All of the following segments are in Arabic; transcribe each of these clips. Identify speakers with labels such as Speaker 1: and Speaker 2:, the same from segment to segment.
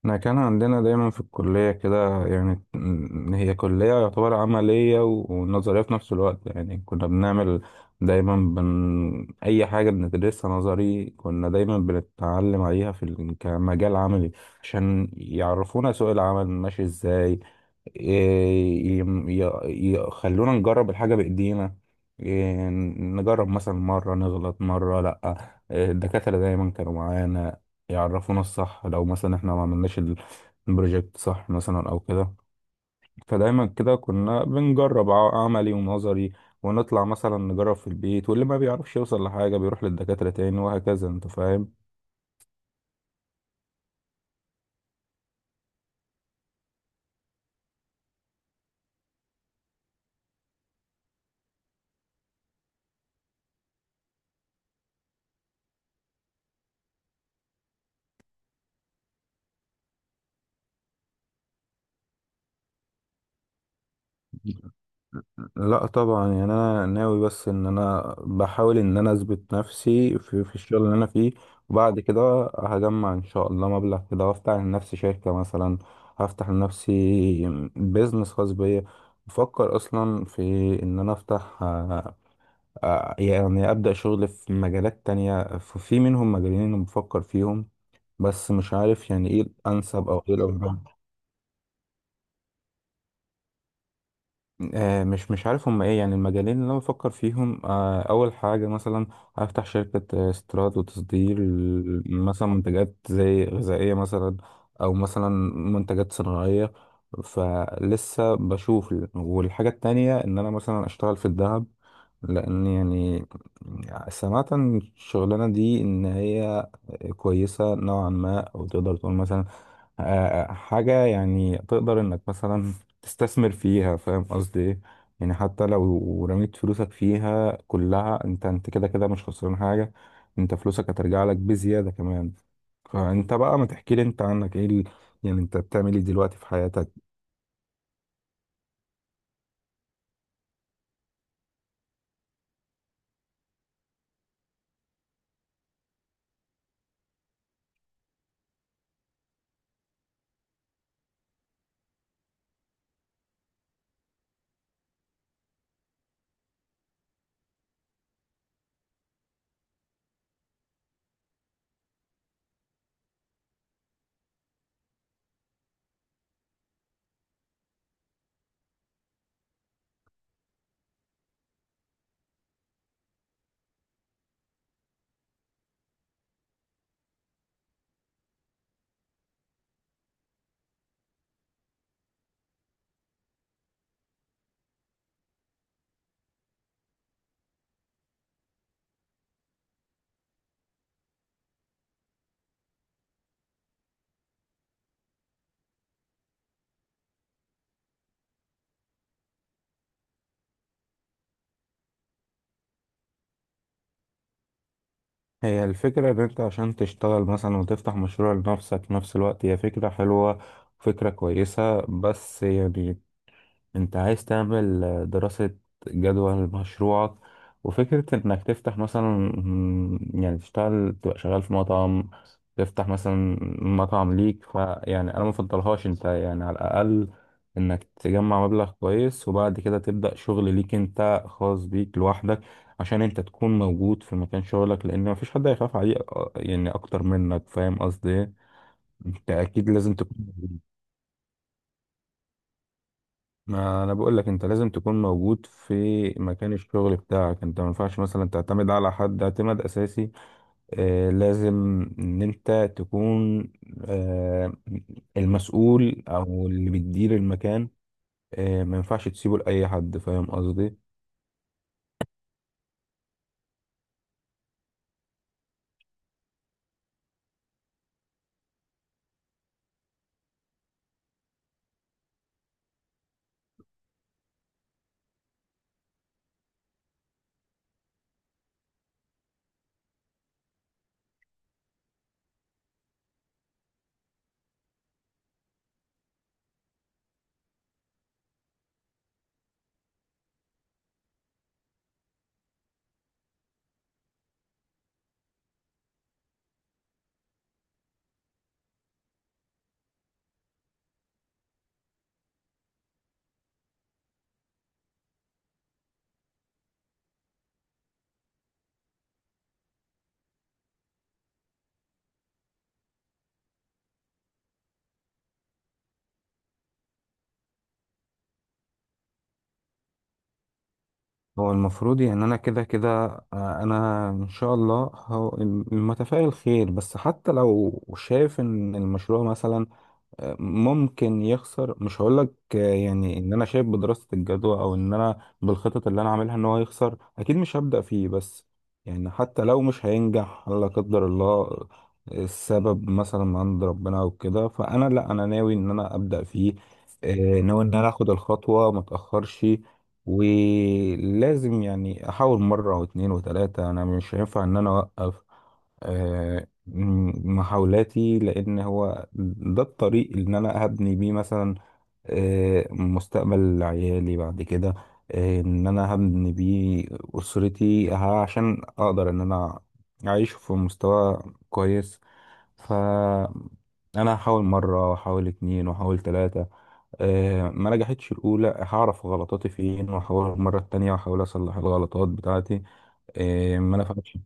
Speaker 1: احنا كان عندنا دايما في الكلية كده، يعني هي كلية يعتبر عملية ونظرية في نفس الوقت. يعني كنا بنعمل دايما أي حاجة بندرسها نظري، كنا دايما بنتعلم عليها في كمجال عملي عشان يعرفونا سوق العمل ماشي ازاي. ي- ي- يخلونا نجرب الحاجة بإيدينا. إيه، نجرب مثلا مرة نغلط مرة لأ. إيه، الدكاترة دايما كانوا معانا يعرفونا الصح لو مثلا احنا ما عملناش البروجكت صح مثلا أو كده. فدايما كده كنا بنجرب عملي ونظري، ونطلع مثلا نجرب في البيت، واللي ما بيعرفش يوصل لحاجة بيروح للدكاترة تاني وهكذا. انت فاهم؟ لا طبعا، يعني انا ناوي بس ان انا بحاول ان انا اثبت نفسي في الشغل اللي انا فيه، وبعد كده هجمع ان شاء الله مبلغ كده وافتح لنفسي شركة مثلا، هفتح لنفسي بيزنس خاص بيا. بفكر اصلا في ان انا افتح يعني ابدا شغل في مجالات تانية، في منهم مجالين انا بفكر فيهم بس مش عارف يعني ايه الانسب او ايه الافضل. مش عارف هم ايه. يعني المجالين اللي انا بفكر فيهم، اول حاجه مثلا هفتح شركه استيراد وتصدير مثلا منتجات زي غذائيه مثلا، او مثلا منتجات صناعيه، فلسه بشوف. والحاجه التانية ان انا مثلا اشتغل في الذهب، لان يعني سمعت عن الشغلانه دي ان هي كويسه نوعا ما، او تقدر تقول مثلا آه، حاجة يعني تقدر انك مثلا تستثمر فيها. فاهم قصدي ايه؟ يعني حتى لو رميت فلوسك فيها كلها انت كده كده مش خسران حاجة، انت فلوسك هترجع لك بزيادة كمان. فانت بقى ما تحكي لي انت عنك ايه يعني انت بتعمل ايه دلوقتي في حياتك؟ هي الفكرة ان انت عشان تشتغل مثلا وتفتح مشروع لنفسك في نفس الوقت هي فكرة حلوة، فكرة كويسة، بس يعني انت عايز تعمل دراسة جدوى لمشروعك. وفكرة انك تفتح مثلا يعني تشتغل تبقى شغال في مطعم، تفتح مثلا مطعم ليك، فيعني انا مفضلهاش. انت يعني على الاقل انك تجمع مبلغ كويس وبعد كده تبدأ شغل ليك انت خاص بيك لوحدك، عشان انت تكون موجود في مكان شغلك، لان مفيش حد هيخاف عليه يعني اكتر منك. فاهم قصدي إيه؟ انت اكيد لازم تكون موجود. ما انا بقول لك انت لازم تكون موجود في مكان الشغل بتاعك، انت ما ينفعش مثلا تعتمد على حد اعتماد اساسي. آه، لازم ان انت تكون آه المسؤول او اللي بتدير المكان. آه، ما ينفعش تسيبه لاي حد، فاهم قصدي؟ هو المفروض يعني انا كده كده انا ان شاء الله متفائل خير، بس حتى لو شايف ان المشروع مثلا ممكن يخسر، مش هقولك يعني ان انا شايف بدراسة الجدوى او ان انا بالخطط اللي انا عاملها ان هو يخسر اكيد مش هبدأ فيه. بس يعني حتى لو مش هينجح لا قدر الله، السبب مثلا من عند ربنا او كده، فانا لا، انا ناوي ان انا ابدأ فيه، ناوي ان انا اخد الخطوة ما اتأخرش. ولازم يعني احاول مرة واتنين وتلاتة، انا مش هينفع ان انا اوقف آه، محاولاتي، لان هو ده الطريق اللي انا هبني بيه مثلا مستقبل عيالي بعد كده، ان انا هبني بيه اسرتي، عشان اقدر ان انا اعيش في مستوى كويس. ف انا هحاول مره واحاول اتنين واحاول تلاته، ما نجحتش الاولى هعرف غلطاتي فين واحاول المره التانيه واحاول اصلح الغلطات بتاعتي ما نفعتش.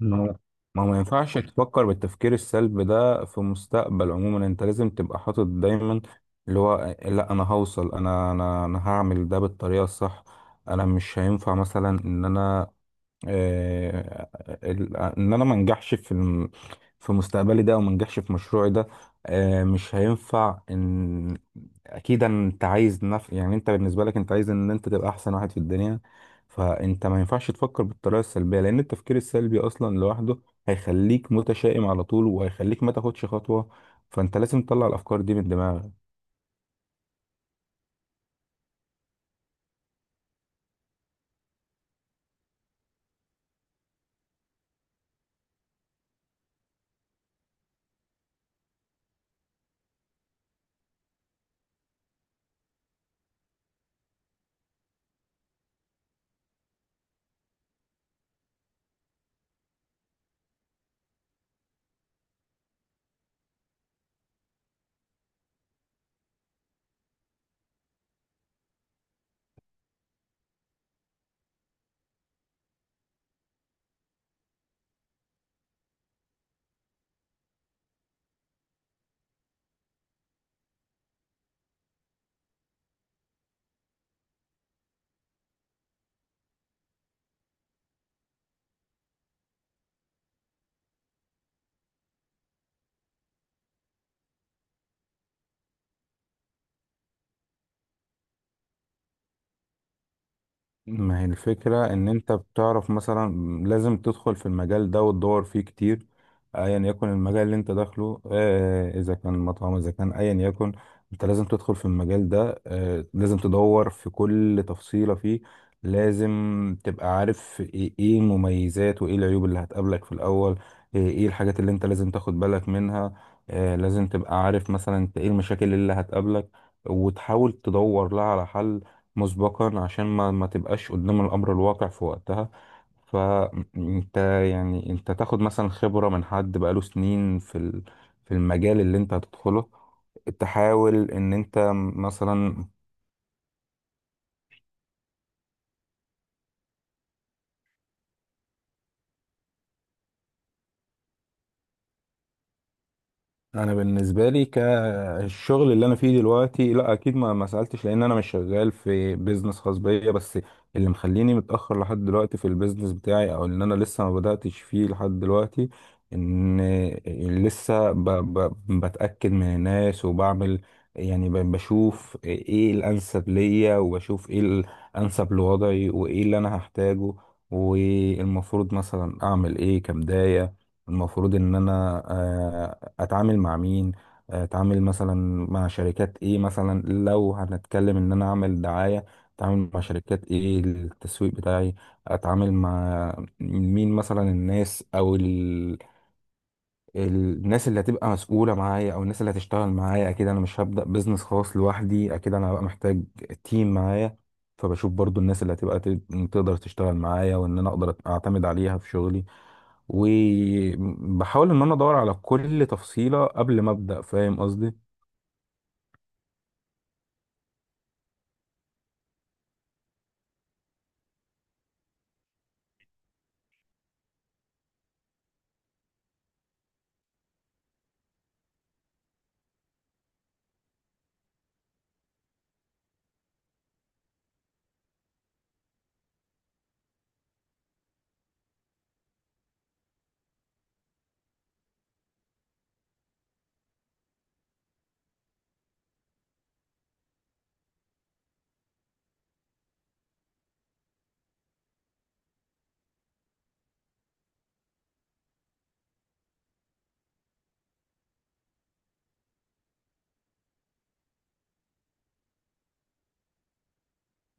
Speaker 1: ما هو ما هو ما ينفعش تفكر بالتفكير السلبي ده في مستقبل عموما، انت لازم تبقى حاطط دايما اللي هو لا، انا هوصل، انا هعمل ده بالطريقه الصح. انا مش هينفع مثلا ان انا آه، ان انا ما انجحش في في مستقبلي ده، او ما انجحش في مشروعي ده. مش هينفع ان اكيد انت عايز يعني انت بالنسبه لك انت عايز ان انت تبقى احسن واحد في الدنيا، فانت ما ينفعش تفكر بالطريقه السلبيه، لان التفكير السلبي اصلا لوحده هيخليك متشائم على طول وهيخليك ما تاخدش خطوه، فانت لازم تطلع الافكار دي من دماغك. ما هي الفكرة إن أنت بتعرف مثلا لازم تدخل في المجال ده وتدور فيه كتير، أيا يكن المجال اللي أنت داخله، إذا كان مطعم إذا كان أيا يكن، أنت لازم تدخل في المجال ده، لازم تدور في كل تفصيلة فيه، لازم تبقى عارف إيه إيه المميزات وإيه العيوب اللي هتقابلك في الأول، إيه إيه الحاجات اللي أنت لازم تاخد بالك منها، لازم تبقى عارف مثلا أنت إيه المشاكل اللي هتقابلك وتحاول تدور لها على حل مسبقا عشان ما تبقاش قدام الأمر الواقع في وقتها. فأنت يعني أنت تاخد مثلا خبرة من حد بقاله سنين في في المجال اللي أنت هتدخله، تحاول إن أنت مثلا انا بالنسبه لي كالشغل اللي انا فيه دلوقتي لا اكيد ما سالتش لان انا مش شغال في بيزنس خاص بيا. بس اللي مخليني متاخر لحد دلوقتي في البيزنس بتاعي او ان انا لسه ما بداتش فيه لحد دلوقتي ان لسه ب ب بتاكد من الناس وبعمل، يعني بشوف ايه الانسب ليا، وبشوف ايه الانسب لوضعي، وايه اللي انا هحتاجه، والمفروض مثلا اعمل ايه كبدايه. المفروض ان انا اتعامل مع مين، اتعامل مثلا مع شركات ايه، مثلا لو هنتكلم ان انا اعمل دعاية اتعامل مع شركات ايه للتسويق بتاعي، اتعامل مع مين مثلا، الناس او الناس اللي هتبقى مسؤولة معايا، او الناس اللي هتشتغل معايا. اكيد انا مش هبدأ بيزنس خاص لوحدي، اكيد انا هبقى محتاج تيم معايا، فبشوف برضو الناس اللي هتبقى تقدر تشتغل معايا وان انا اقدر اعتمد عليها في شغلي، وبحاول ان انا ادور على كل تفصيلة قبل ما ابدأ. فاهم قصدي؟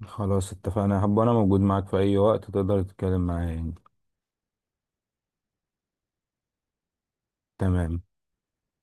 Speaker 1: خلاص اتفقنا، هبقى انا موجود معاك في اي وقت، تقدر تتكلم معايا يعني. تمام.